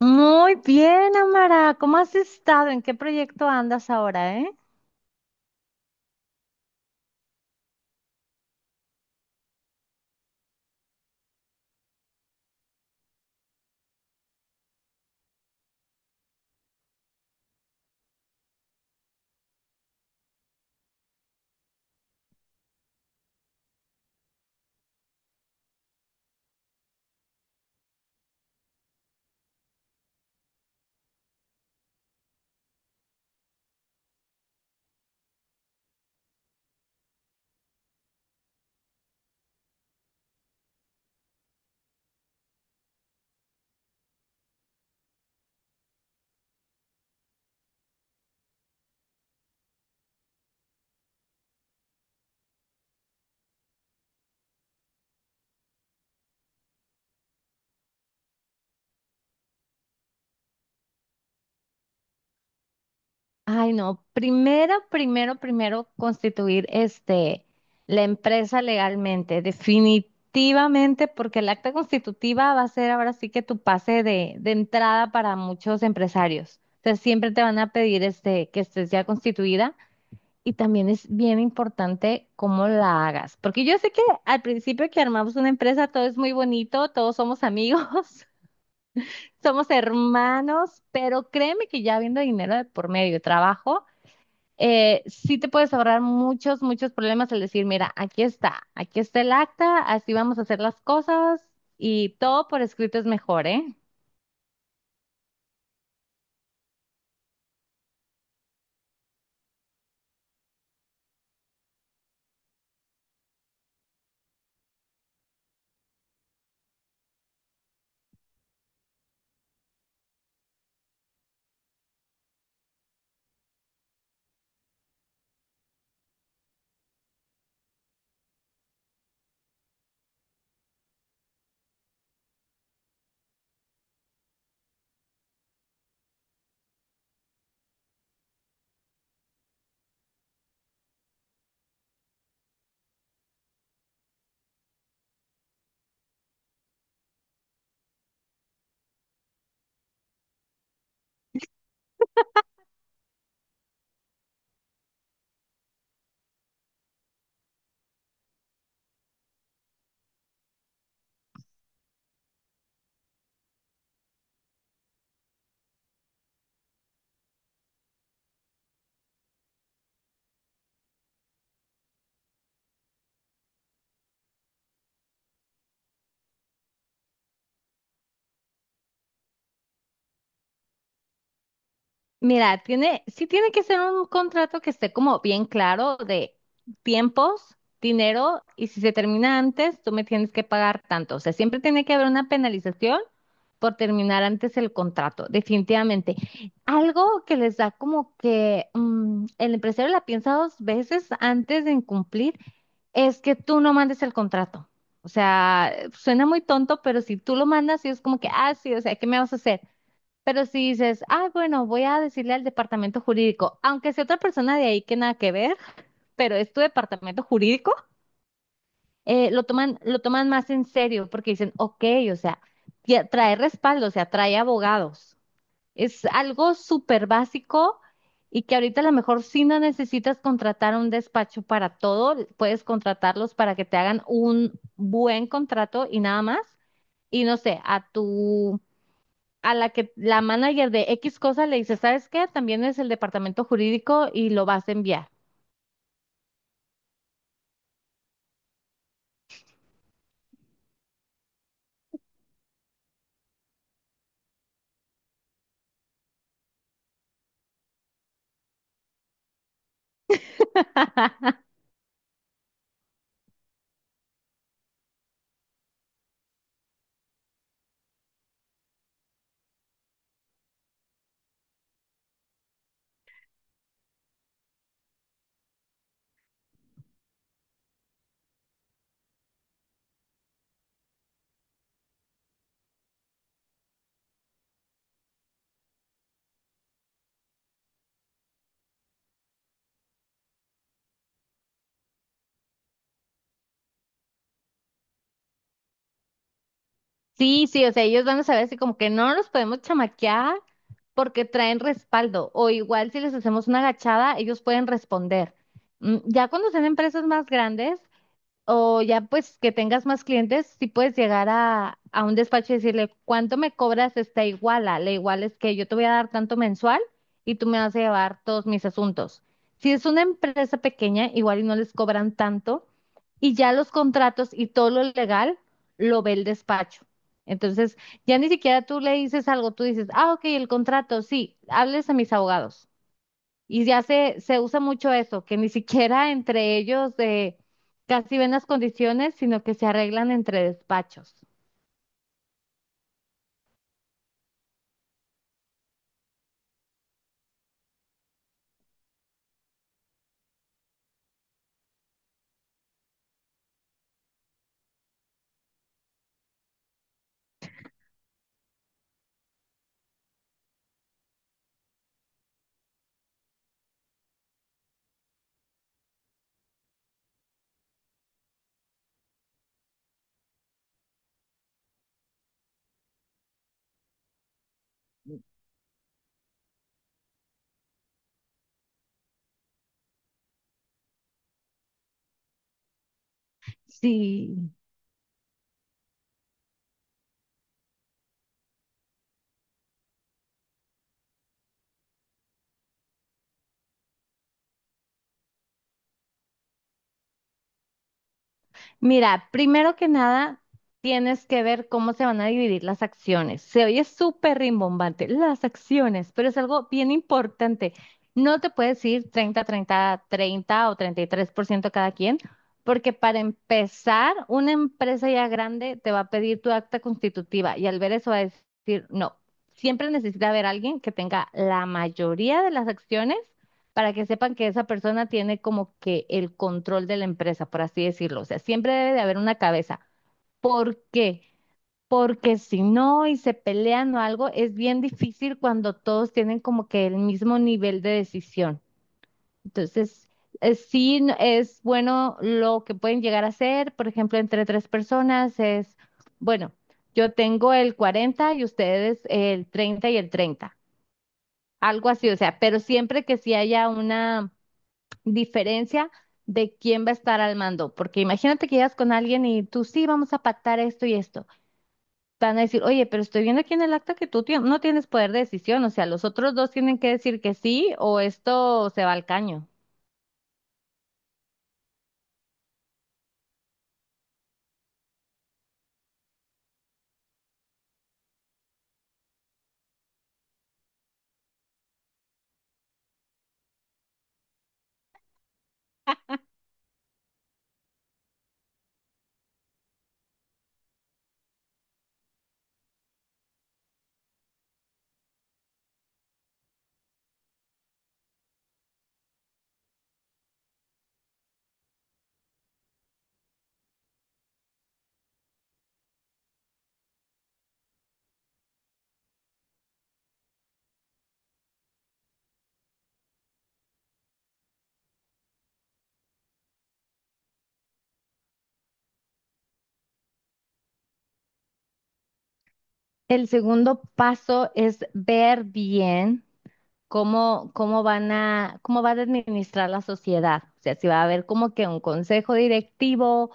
Muy bien, Amara. ¿Cómo has estado? ¿En qué proyecto andas ahora, eh? Ay, no. Primero, primero, primero constituir la empresa legalmente, definitivamente, porque el acta constitutiva va a ser ahora sí que tu pase de entrada para muchos empresarios. Entonces siempre te van a pedir que estés ya constituida. Y también es bien importante cómo la hagas, porque yo sé que al principio que armamos una empresa todo es muy bonito, todos somos amigos, somos hermanos, pero créeme que ya habiendo dinero de por medio de trabajo, sí te puedes ahorrar muchos, muchos problemas al decir, mira, aquí está el acta, así vamos a hacer las cosas y todo por escrito es mejor, ¿eh? Mira, sí tiene que ser un contrato que esté como bien claro de tiempos, dinero, y si se termina antes, tú me tienes que pagar tanto. O sea, siempre tiene que haber una penalización por terminar antes el contrato, definitivamente. Algo que les da como que el empresario la piensa dos veces antes de incumplir es que tú no mandes el contrato. O sea, suena muy tonto, pero si tú lo mandas, y es como que, ah, sí, o sea, ¿qué me vas a hacer? Pero si dices, ah, bueno, voy a decirle al departamento jurídico, aunque sea otra persona de ahí que nada que ver, pero es tu departamento jurídico, lo toman más en serio porque dicen, ok, o sea, ya trae respaldo, o sea, trae abogados. Es algo súper básico y que ahorita a lo mejor si no necesitas contratar un despacho para todo, puedes contratarlos para que te hagan un buen contrato y nada más. Y no sé, a la que la manager de X cosa le dice, ¿sabes qué? También es el departamento jurídico y lo vas a enviar. Sí, sí, o sea, ellos van a saber así como que no nos podemos chamaquear porque traen respaldo o igual si les hacemos una agachada, ellos pueden responder. Mm, ya cuando sean empresas más grandes, o ya pues que tengas más clientes, si puedes llegar a un despacho y decirle, ¿cuánto me cobras esta iguala? La iguala es que yo te voy a dar tanto mensual y tú me vas a llevar todos mis asuntos. Si es una empresa pequeña, igual y no les cobran tanto y ya los contratos y todo lo legal lo ve el despacho. Entonces, ya ni siquiera tú le dices algo, tú dices, ah, ok, el contrato, sí, hables a mis abogados. Y ya se usa mucho eso, que ni siquiera entre ellos casi ven las condiciones, sino que se arreglan entre despachos. Sí, mira, primero que nada, tienes que ver cómo se van a dividir las acciones. Se oye súper rimbombante, las acciones, pero es algo bien importante. No te puedes ir 30, 30, 30 o 33% cada quien, porque para empezar, una empresa ya grande te va a pedir tu acta constitutiva y al ver eso va a decir, no, siempre necesita haber alguien que tenga la mayoría de las acciones para que sepan que esa persona tiene como que el control de la empresa, por así decirlo. O sea, siempre debe de haber una cabeza. ¿Por qué? Porque si no y se pelean o algo, es bien difícil cuando todos tienen como que el mismo nivel de decisión. Entonces, sí es bueno lo que pueden llegar a hacer, por ejemplo, entre tres personas es, bueno, yo tengo el 40 y ustedes el 30 y el 30, algo así, o sea, pero siempre que sí haya una diferencia de quién va a estar al mando, porque imagínate que llegas con alguien y tú sí vamos a pactar esto y esto. Van a decir, oye, pero estoy viendo aquí en el acta que no tienes poder de decisión, o sea, los otros dos tienen que decir que sí o esto se va al caño. El segundo paso es ver bien, cómo va a administrar la sociedad. O sea, si va a haber como que un consejo directivo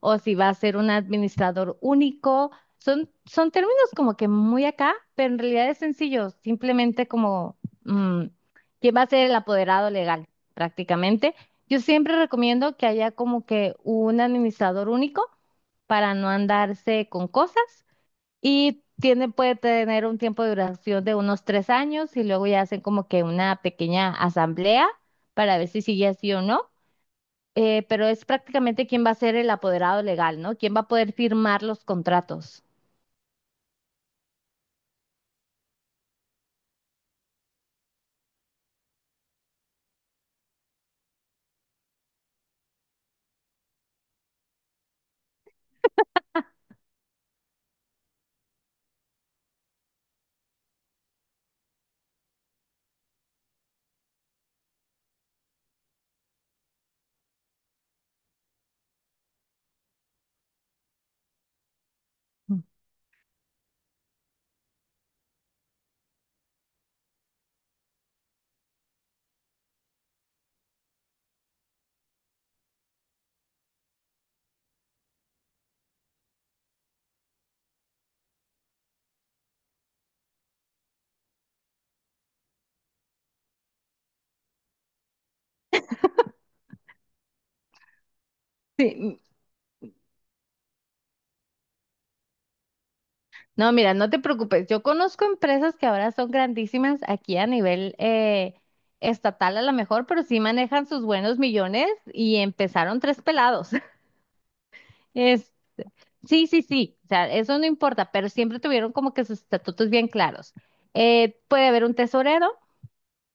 o si va a ser un administrador único. Son términos como que muy acá, pero en realidad es sencillo, simplemente como mm, quién va a ser el apoderado legal, prácticamente. Yo siempre recomiendo que haya como que un administrador único para no andarse con cosas y tiene, puede tener un tiempo de duración de unos 3 años y luego ya hacen como que una pequeña asamblea para ver si sigue así o no. Pero es prácticamente quién va a ser el apoderado legal, ¿no? ¿Quién va a poder firmar los contratos? Sí, no, mira, no te preocupes. Yo conozco empresas que ahora son grandísimas aquí a nivel estatal a lo mejor, pero sí manejan sus buenos millones y empezaron tres pelados. es Sí, sí, sí, o sea, eso no importa, pero siempre tuvieron como que sus estatutos bien claros. Puede haber un tesorero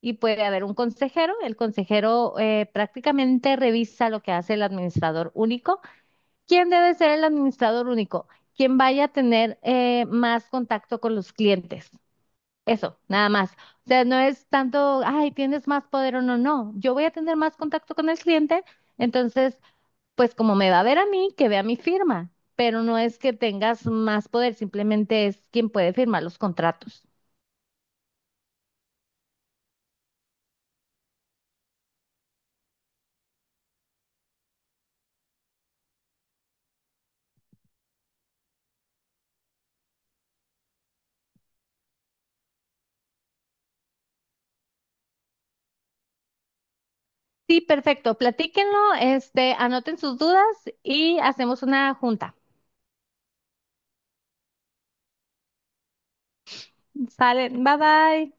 y puede haber un consejero. El consejero prácticamente revisa lo que hace el administrador único. ¿Quién debe ser el administrador único? Quien vaya a tener más contacto con los clientes. Eso, nada más. O sea, no es tanto, ay, tienes más poder o no, no. Yo voy a tener más contacto con el cliente, entonces pues como me va a ver a mí, que vea mi firma, pero no es que tengas más poder, simplemente es quien puede firmar los contratos. Sí, perfecto, platíquenlo, este, anoten sus dudas y hacemos una junta. Salen, bye bye.